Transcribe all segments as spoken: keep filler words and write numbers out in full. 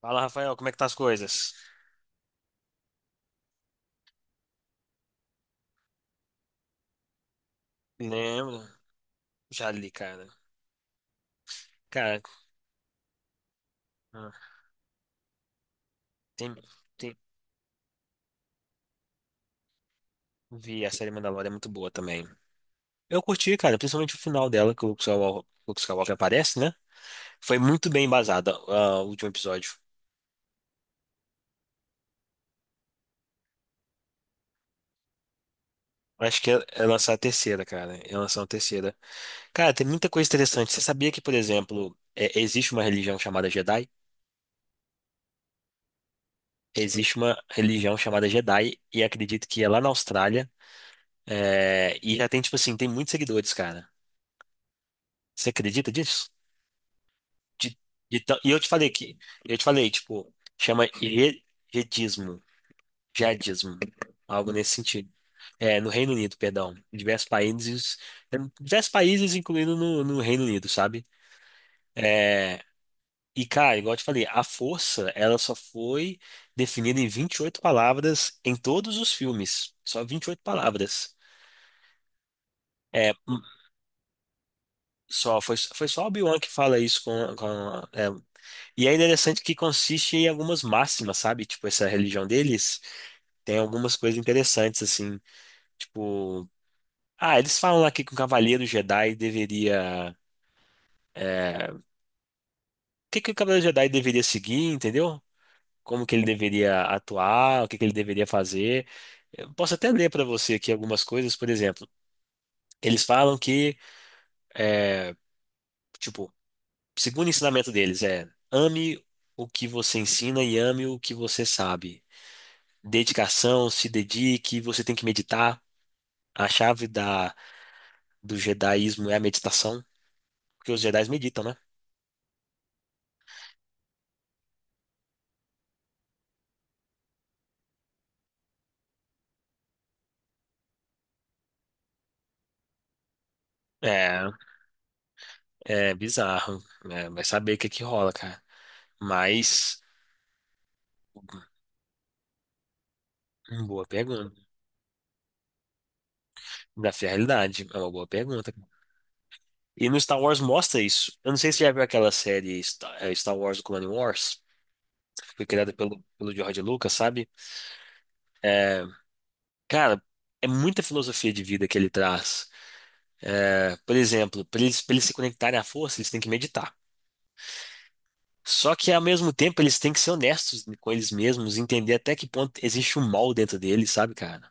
Fala, Rafael, como é que tá as coisas? Lembro. Já li, cara. Cara, ah, tem, tem, vi a série Mandalorian, é muito boa também. Eu curti, cara, principalmente o final dela, que o Luke Skywalker, Luke Skywalker aparece, né? Foi muito bem embasada, ah, o último episódio. Acho que é, é lançar a terceira, cara. É lançar a terceira. Cara, tem muita coisa interessante. Você sabia que, por exemplo, é- existe uma religião chamada Jedi? Existe uma religião chamada Jedi, e acredito que é lá na Austrália. é, e já tem, tipo assim, tem muitos seguidores, cara. Você acredita disso? De- de tão- e eu te falei que, eu te falei, tipo, chama ie- jedismo, jihadismo, algo nesse sentido. É, no Reino Unido, perdão. Em diversos países, em diversos países, incluindo no, no Reino Unido, sabe? É, e, cara, igual eu te falei, a força, ela só foi definida em vinte e oito palavras em todos os filmes. Só vinte e oito palavras. É, hum, só, foi, foi só Obi-Wan que fala isso com, com, é, E é interessante que consiste em algumas máximas, sabe? Tipo, essa religião deles tem algumas coisas interessantes, assim. Tipo, ah, eles falam aqui que o cavaleiro Jedi deveria. é, o que que o cavaleiro Jedi deveria seguir, entendeu? Como que ele deveria atuar, o que que ele deveria fazer. Eu posso até ler para você aqui algumas coisas, por exemplo. Eles falam que, é, tipo, segundo o ensinamento deles, é ame o que você ensina e ame o que você sabe. Dedicação, se dedique, você tem que meditar. A chave da, do jedaísmo é a meditação, porque os jedis meditam, né? É, é bizarro. É, vai saber o que que rola, cara. Mas, hum, boa pergunta. Da realidade, é uma boa pergunta. E no Star Wars mostra isso. Eu não sei se você já viu aquela série Star eh, Star Wars Clone Wars, que foi criada pelo, pelo George Lucas, sabe? Cara, é muita filosofia de vida que ele traz. É, por exemplo, para eles, para eles se conectarem à força, eles têm que meditar. Só que ao mesmo tempo eles têm que ser honestos com eles mesmos, entender até que ponto existe um mal dentro deles, sabe, cara?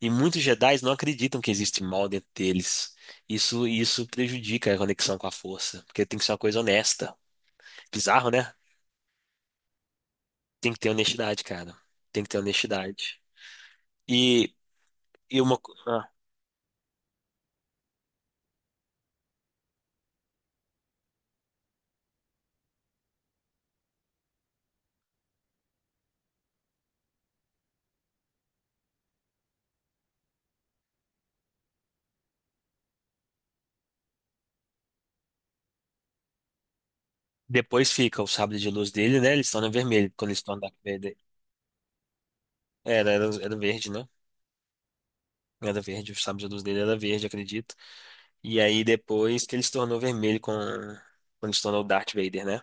E muitos Jedis não acreditam que existe mal dentro deles. Isso isso prejudica a conexão com a força, porque tem que ser uma coisa honesta. Bizarro, né? Tem que ter honestidade, cara. Tem que ter honestidade. E, e uma co- ah, Depois fica o sabre de luz dele, né? Ele se torna vermelho quando ele se torna Dark Vader. Era, era, era verde, né? Era verde, o sabre de luz dele era verde, acredito. E aí depois que ele se tornou vermelho com... quando se tornou Darth Vader, né?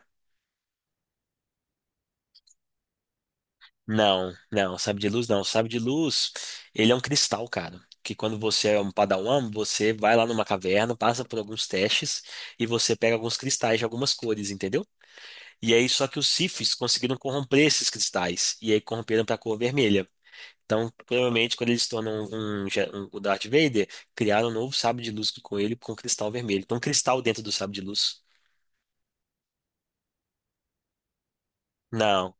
Não, não, sabe de luz não. Sabe de luz, ele é um cristal, cara. Que quando você é um padawan, você vai lá numa caverna, passa por alguns testes e você pega alguns cristais de algumas cores, entendeu? E aí só que os Siths conseguiram corromper esses cristais e aí corromperam pra cor vermelha. Então, provavelmente, quando eles se tornam um, Je- um, o Darth Vader, criaram um novo sabre de luz com ele com um cristal vermelho. Então, um cristal dentro do sabre de luz. Não,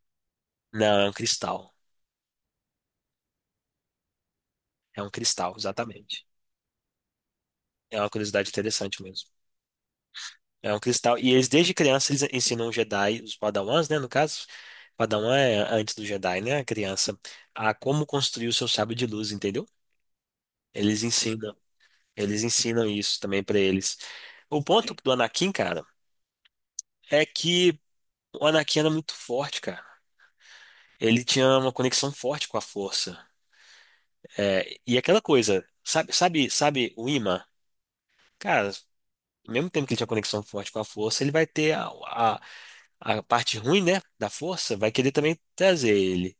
não, é um cristal. É um cristal, exatamente. É uma curiosidade interessante mesmo. É um cristal. E eles, desde criança, eles ensinam os Jedi, os Padawans, né? No caso, Padawan é antes do Jedi, né? A criança, a como construir o seu sábio de luz, entendeu? Eles ensinam, eles ensinam isso também pra eles. O ponto do Anakin, cara, é que o Anakin era muito forte, cara. Ele tinha uma conexão forte com a força. É, e aquela coisa, sabe, sabe, sabe o imã? Cara, ao mesmo tempo que ele tinha conexão forte com a força, ele vai ter a, a parte ruim, né, da força, vai querer também trazer ele.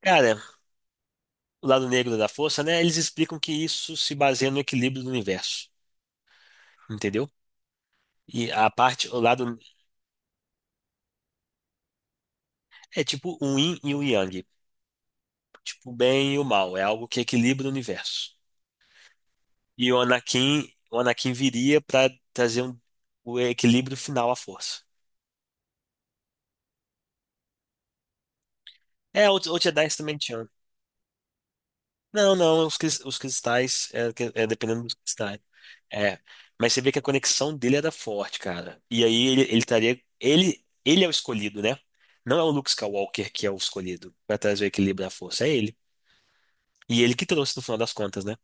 Cara, o lado negro da força, né, eles explicam que isso se baseia no equilíbrio do universo, entendeu? E a parte, o lado, é tipo o yin e o yang, tipo o bem e o mal, é algo que equilibra o universo. E o Anakin, o Anakin viria para trazer um- o equilíbrio final à força. É, o, o Jedi também. Não, não, os, cris- os cristais, é, que- é dependendo dos cristais. É, mas você vê que a conexão dele era forte, cara. E aí ele, ele estaria. Ele, ele é o escolhido, né? Não é o Luke Skywalker que é o escolhido pra trazer o equilíbrio da força, é ele. E ele que trouxe no final das contas, né?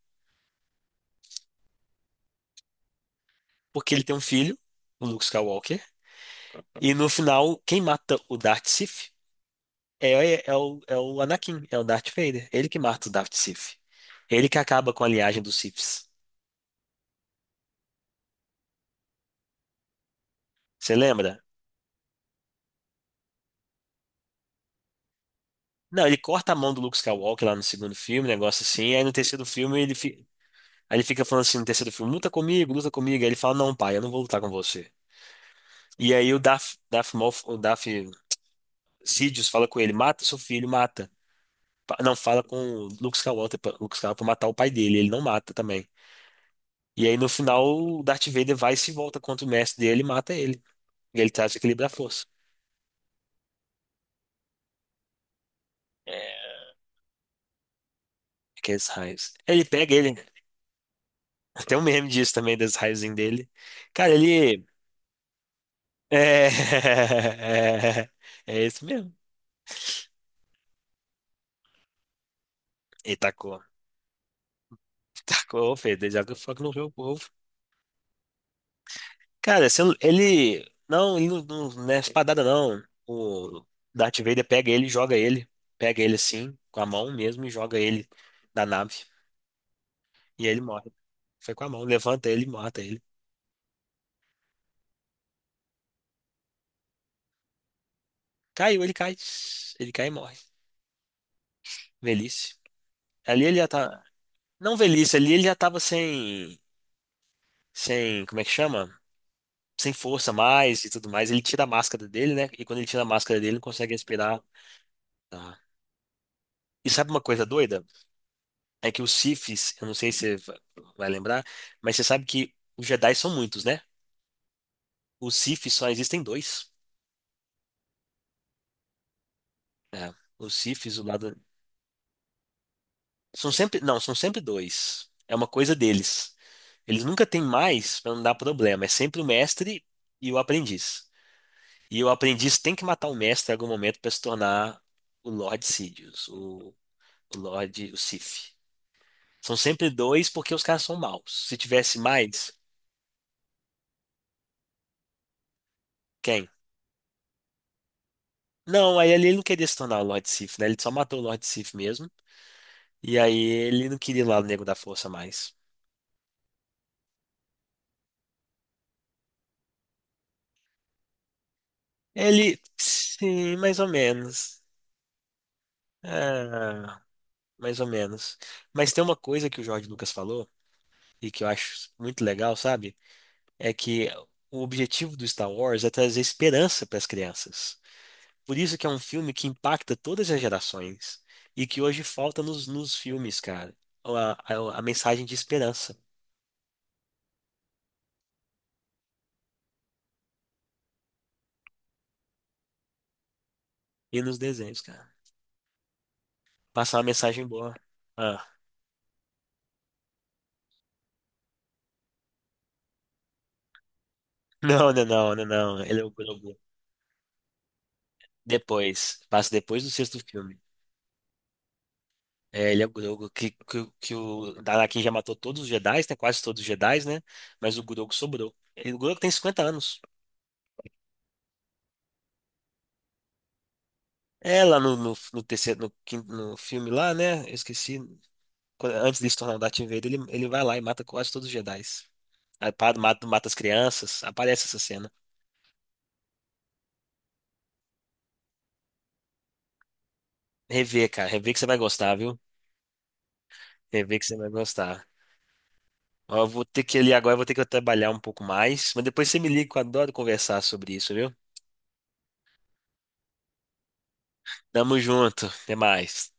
Porque ele tem um filho, o Luke Skywalker, e no final, quem mata o Darth Sith é, é, é o, é o Anakin, é o Darth Vader. Ele que mata o Darth Sith. Ele que acaba com a linhagem dos Siths. Você lembra? Não, ele corta a mão do Luke Skywalker lá no segundo filme, um negócio assim. Aí no terceiro filme ele, fi... Aí ele fica falando assim no terceiro filme, luta comigo, luta comigo. Aí ele fala, não, pai, eu não vou lutar com você. E aí o Darth, Darth Maul, o Darth Sidious fala com ele, mata seu filho, mata. Pa- Não, fala com o Luke Skywalker, pra- Luke Skywalker pra matar o pai dele, ele não mata também. E aí no final o Darth Vader vai e se volta contra o mestre dele e mata ele. E ele traz o equilíbrio da força. É, aqueles raios. Ele pega ele, tem um meme disso também, das raios dele. Cara, ele. É, é, é isso mesmo. E tacou. Tacou, fez. Desde que foi que não viu o povo. Cara, se eu- ele. Não, ele não, não, não é espadada, não. O Darth Vader pega ele e joga ele. Pega ele assim, com a mão mesmo, e joga ele da nave. E ele morre. Foi com a mão, levanta ele e mata ele. Caiu, ele cai. Ele cai e morre. Velhice. Ali ele já tá. Não velhice, ali ele já tava sem. Sem. Como é que chama? Sem força mais e tudo mais. Ele tira a máscara dele, né? E quando ele tira a máscara dele, ele consegue respirar. Tá. E sabe uma coisa doida? É que os Siths, eu não sei se você va- vai lembrar, mas você sabe que os Jedi são muitos, né? Os Siths só existem dois. É. Os Siths, o lado. São sempre. Não, são sempre dois. É uma coisa deles. Eles nunca têm mais pra não dar problema. É sempre o mestre e o aprendiz. E o aprendiz tem que matar o mestre em algum momento pra se tornar o Lord Sidious, o, o Lord, o Sith. São sempre dois porque os caras são maus. Se tivesse mais, quem? Não, aí ele não queria se tornar o Lord Sif, né? Ele só matou o Lord Sif mesmo. E aí ele não queria ir lá no Nego da Força mais. Ele, sim, mais ou menos. Ah, mais ou menos. Mas tem uma coisa que o George Lucas falou, e que eu acho muito legal, sabe? É que o objetivo do Star Wars é trazer esperança para as crianças. Por isso que é um filme que impacta todas as gerações e que hoje falta nos, nos filmes, cara. A, a, a mensagem de esperança e nos desenhos, cara. Passar uma mensagem boa. Ah, não, não, não, não, não. Ele é o Grogu. Depois, passa depois do sexto filme. É, ele é o Grogu que, que, que o Anakin já matou todos os Jedi, né? Quase todos os Jedi, né? Mas o Grogu sobrou. E o Grogu tem cinquenta anos. É lá no, no, no terceiro, no, quin- no filme lá, né? Eu esqueci. quando- antes de se tornar o Darth Vader, ele, ele vai lá e mata quase todos os Jedis. Aí pa- mata, mata as crianças, aparece essa cena. Rever, cara, rever que você vai gostar, viu? Rever que você vai gostar. Ó, eu vou ter que ir ali agora, eu vou ter que trabalhar um pouco mais, mas depois você me liga, que eu adoro conversar sobre isso, viu? Tamo junto, até mais.